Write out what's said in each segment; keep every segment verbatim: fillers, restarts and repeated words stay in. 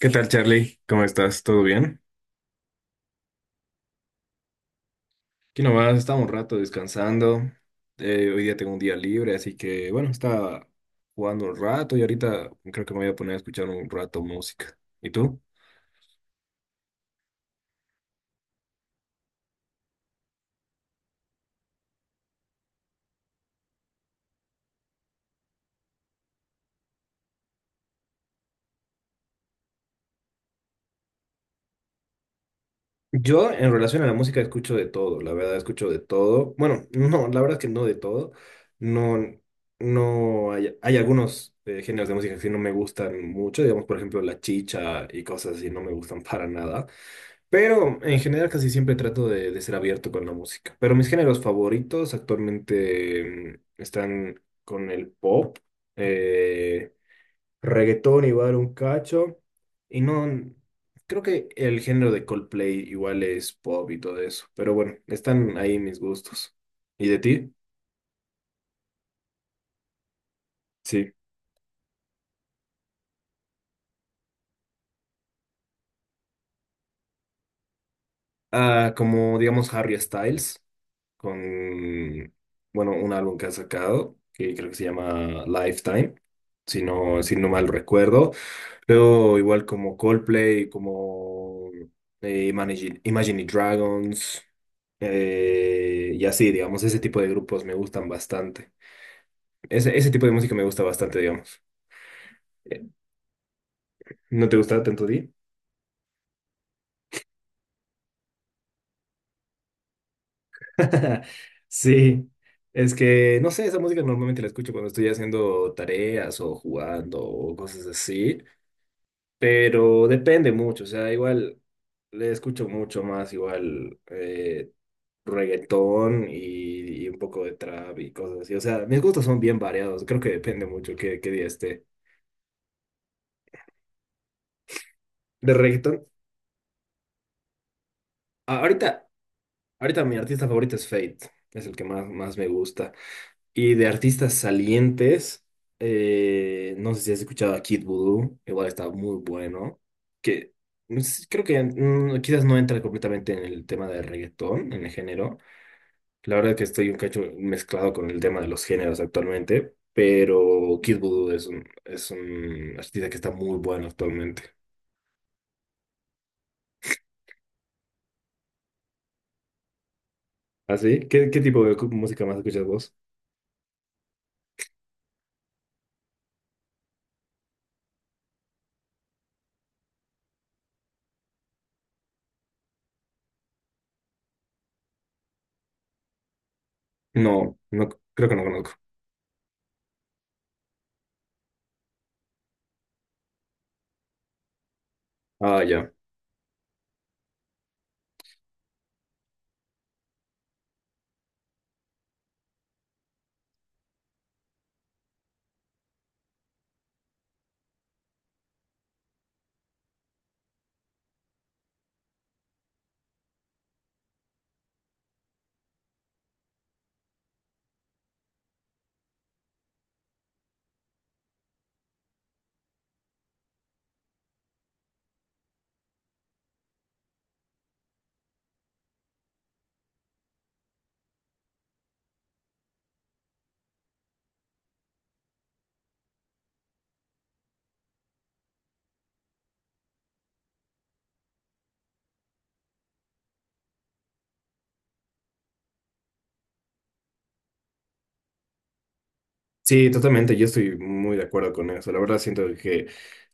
¿Qué tal, Charlie? ¿Cómo estás? ¿Todo bien? Aquí nomás, estaba un rato descansando. Eh, hoy día tengo un día libre, así que bueno, estaba jugando un rato y ahorita creo que me voy a poner a escuchar un rato música. ¿Y tú? Yo en relación a la música escucho de todo, la verdad escucho de todo. Bueno, no, la verdad es que no de todo. No, no hay, hay algunos eh, géneros de música que sí no me gustan mucho, digamos por ejemplo la chicha y cosas así no me gustan para nada. Pero en general casi siempre trato de, de ser abierto con la música. Pero mis géneros favoritos actualmente mm, están con el pop. eh, Reggaetón igual un cacho. Y no, creo que el género de Coldplay igual es pop y todo eso. Pero bueno, están ahí mis gustos. ¿Y de ti? Sí. Ah, como digamos Harry Styles, con, bueno, un álbum que ha sacado, que creo que se llama Lifetime, si no, si no mal recuerdo. Creo igual como Coldplay, como eh, Imagine, Imagine Dragons, eh, y así, digamos, ese tipo de grupos me gustan bastante. Ese, ese tipo de música me gusta bastante, digamos. Eh, ¿No te gusta tanto Di? Sí, es que, no sé, esa música normalmente la escucho cuando estoy haciendo tareas o jugando o cosas así. Pero depende mucho, o sea, igual le escucho mucho más, igual eh, reggaetón y, y un poco de trap y cosas así. O sea, mis gustos son bien variados, creo que depende mucho qué, qué día esté. De reggaetón, a- ahorita, ahorita mi artista favorito es Fate, es el que más, más me gusta. Y de artistas salientes, eh, no sé si has escuchado a Kid Voodoo, igual está muy bueno. Que no sé, creo que mm, quizás no entra completamente en el tema de reggaetón, en el género. La verdad que estoy un cacho mezclado con el tema de los géneros actualmente, pero Kid Voodoo es un, es un artista que está muy bueno actualmente. ¿Ah, sí? ¿Qué, qué tipo de cu- música más escuchas vos? No, no, creo que no conozco. Ah, ya. Sí, totalmente, yo estoy muy de acuerdo con eso. La verdad siento que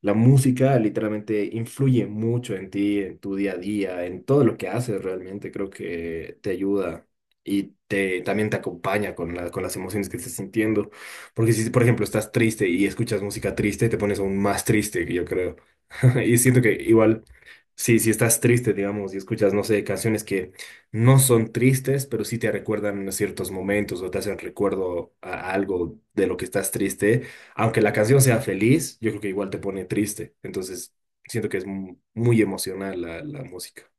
la música literalmente influye mucho en ti, en tu día a día, en todo lo que haces realmente. Creo que te ayuda y te, también te acompaña con la- con las emociones que estés sintiendo. Porque si, por ejemplo, estás triste y escuchas música triste, te pones aún más triste, yo creo. Y siento que igual, si, si estás triste, digamos, y escuchas, no sé, canciones que no son tristes, pero sí te recuerdan a ciertos momentos o te hacen recuerdo a algo de lo que estás triste. Aunque la canción sea feliz, yo creo que igual te pone triste. Entonces, siento que es mu- muy emocional la, la música.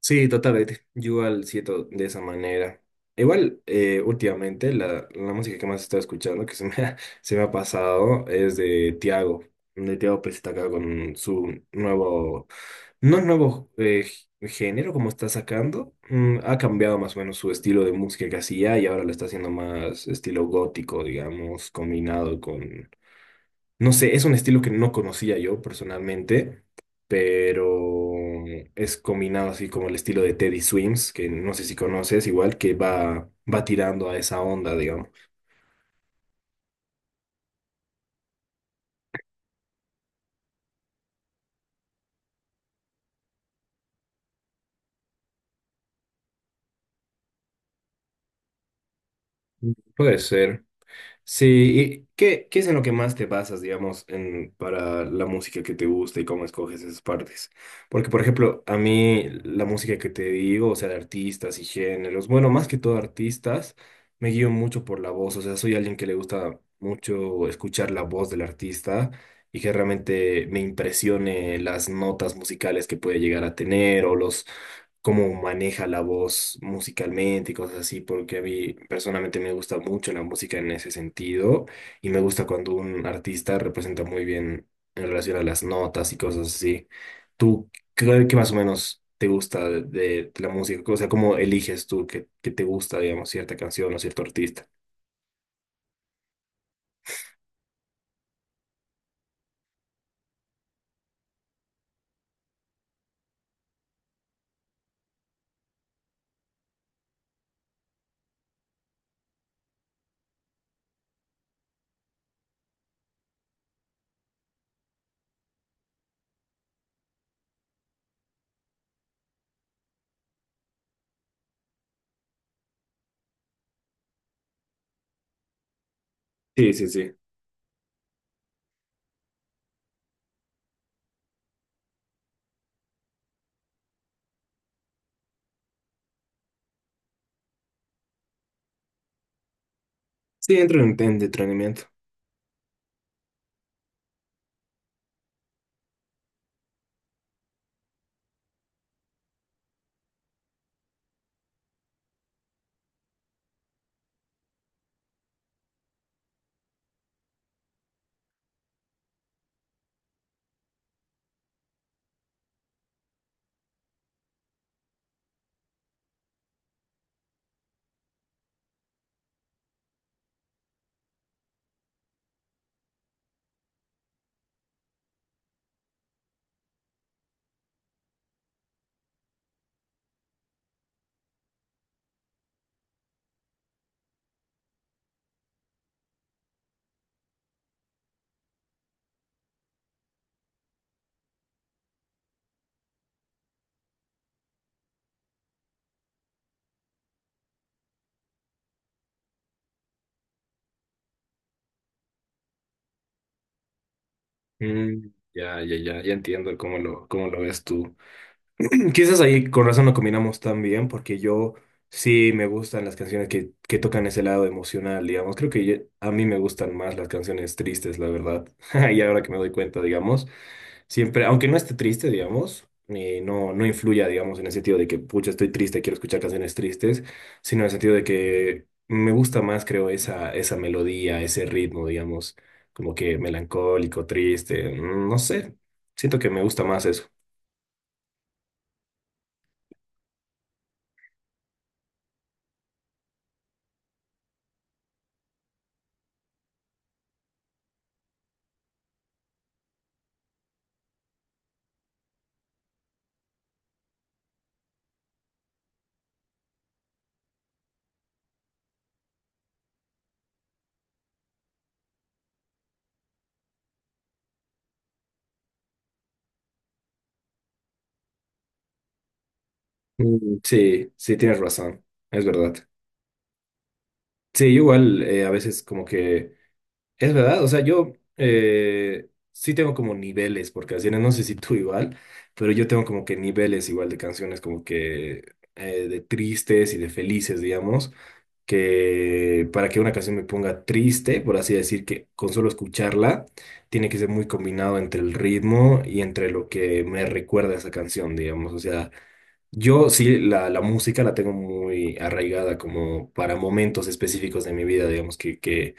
Sí, totalmente. Yo igual siento de esa manera. Igual, eh, últimamente la, la música que más he estado escuchando, que se me ha, se me ha pasado, es de Tiago. De Tiago pues está acá con su nuevo, no nuevo eh, g- género como está sacando. Mm, ha cambiado más o menos su estilo de música que hacía y ahora lo está haciendo más estilo gótico, digamos, combinado con no sé, es un estilo que no conocía yo personalmente, pero es combinado así como el estilo de Teddy Swims, que no sé si conoces, igual que va, va tirando a esa onda, digamos. Puede ser. Sí, ¿y qué, qué es en lo que más te basas, digamos, en, para la música que te gusta y cómo escoges esas partes? Porque, por ejemplo, a mí la música que te digo, o sea, de artistas y géneros, bueno, más que todo artistas, me guío mucho por la voz, o sea, soy alguien que le gusta mucho escuchar la voz del artista y que realmente me impresione las notas musicales que puede llegar a tener o los cómo maneja la voz musicalmente y cosas así, porque a mí personalmente me gusta mucho la música en ese sentido y me gusta cuando un artista representa muy bien en relación a las notas y cosas así. ¿Tú qué, qué más o menos te gusta de, de la música? O sea, ¿cómo eliges tú que, que te gusta, digamos, cierta canción o cierto artista? Sí, sí, sí. Sí, entro en, en entrenamiento. Mm, ya, ya, ya, ya entiendo cómo lo, cómo lo ves tú. Quizás ahí con razón no combinamos tan bien, porque yo sí me gustan las canciones que, que tocan ese lado emocional, digamos. Creo que ye- a mí me gustan más las canciones tristes, la verdad. Y ahora que me doy cuenta, digamos, siempre, aunque no esté triste, digamos, eh, no, no influya, digamos, en el sentido de que, pucha, estoy triste, quiero escuchar canciones tristes, sino en el sentido de que me gusta más, creo, esa, esa melodía, ese ritmo, digamos, como que melancólico, triste, mm, no sé. Siento que me gusta más eso. Mm, sí, sí, tienes razón, es verdad. Sí, igual eh, a veces como que es verdad, o sea, yo eh, sí tengo como niveles por canciones, no sé si tú igual, pero yo tengo como que niveles igual de canciones como que eh, de tristes y de felices, digamos, que para que una canción me ponga triste, por así decir, que con solo escucharla, tiene que ser muy combinado entre el ritmo y entre lo que me recuerda a esa canción, digamos, o sea... Yo sí, la, la música la tengo muy arraigada como para momentos específicos de mi vida, digamos, que, que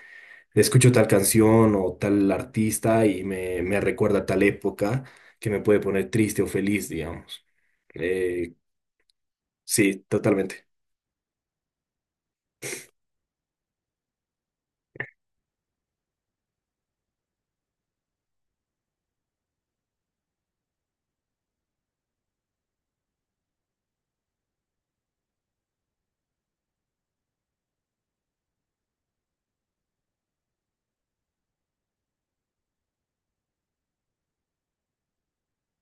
escucho tal canción o tal artista y me, me recuerda tal época que me puede poner triste o feliz, digamos. Eh, sí, totalmente.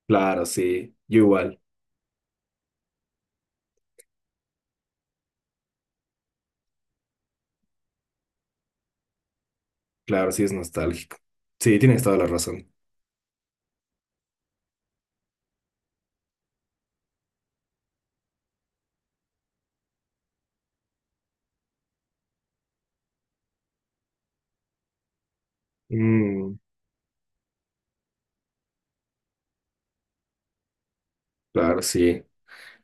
Claro, sí, yo igual. Claro, sí es nostálgico. Sí, tienes toda la razón. Mm, claro, sí.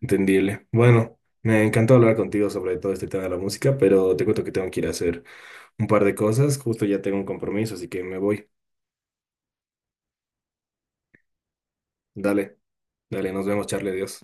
Entendible. Bueno, me encantó hablar contigo sobre todo este tema de la música, pero te cuento que tengo que ir a hacer un par de cosas. Justo ya tengo un compromiso, así que me voy. Dale, dale, nos vemos, Charlie, adiós.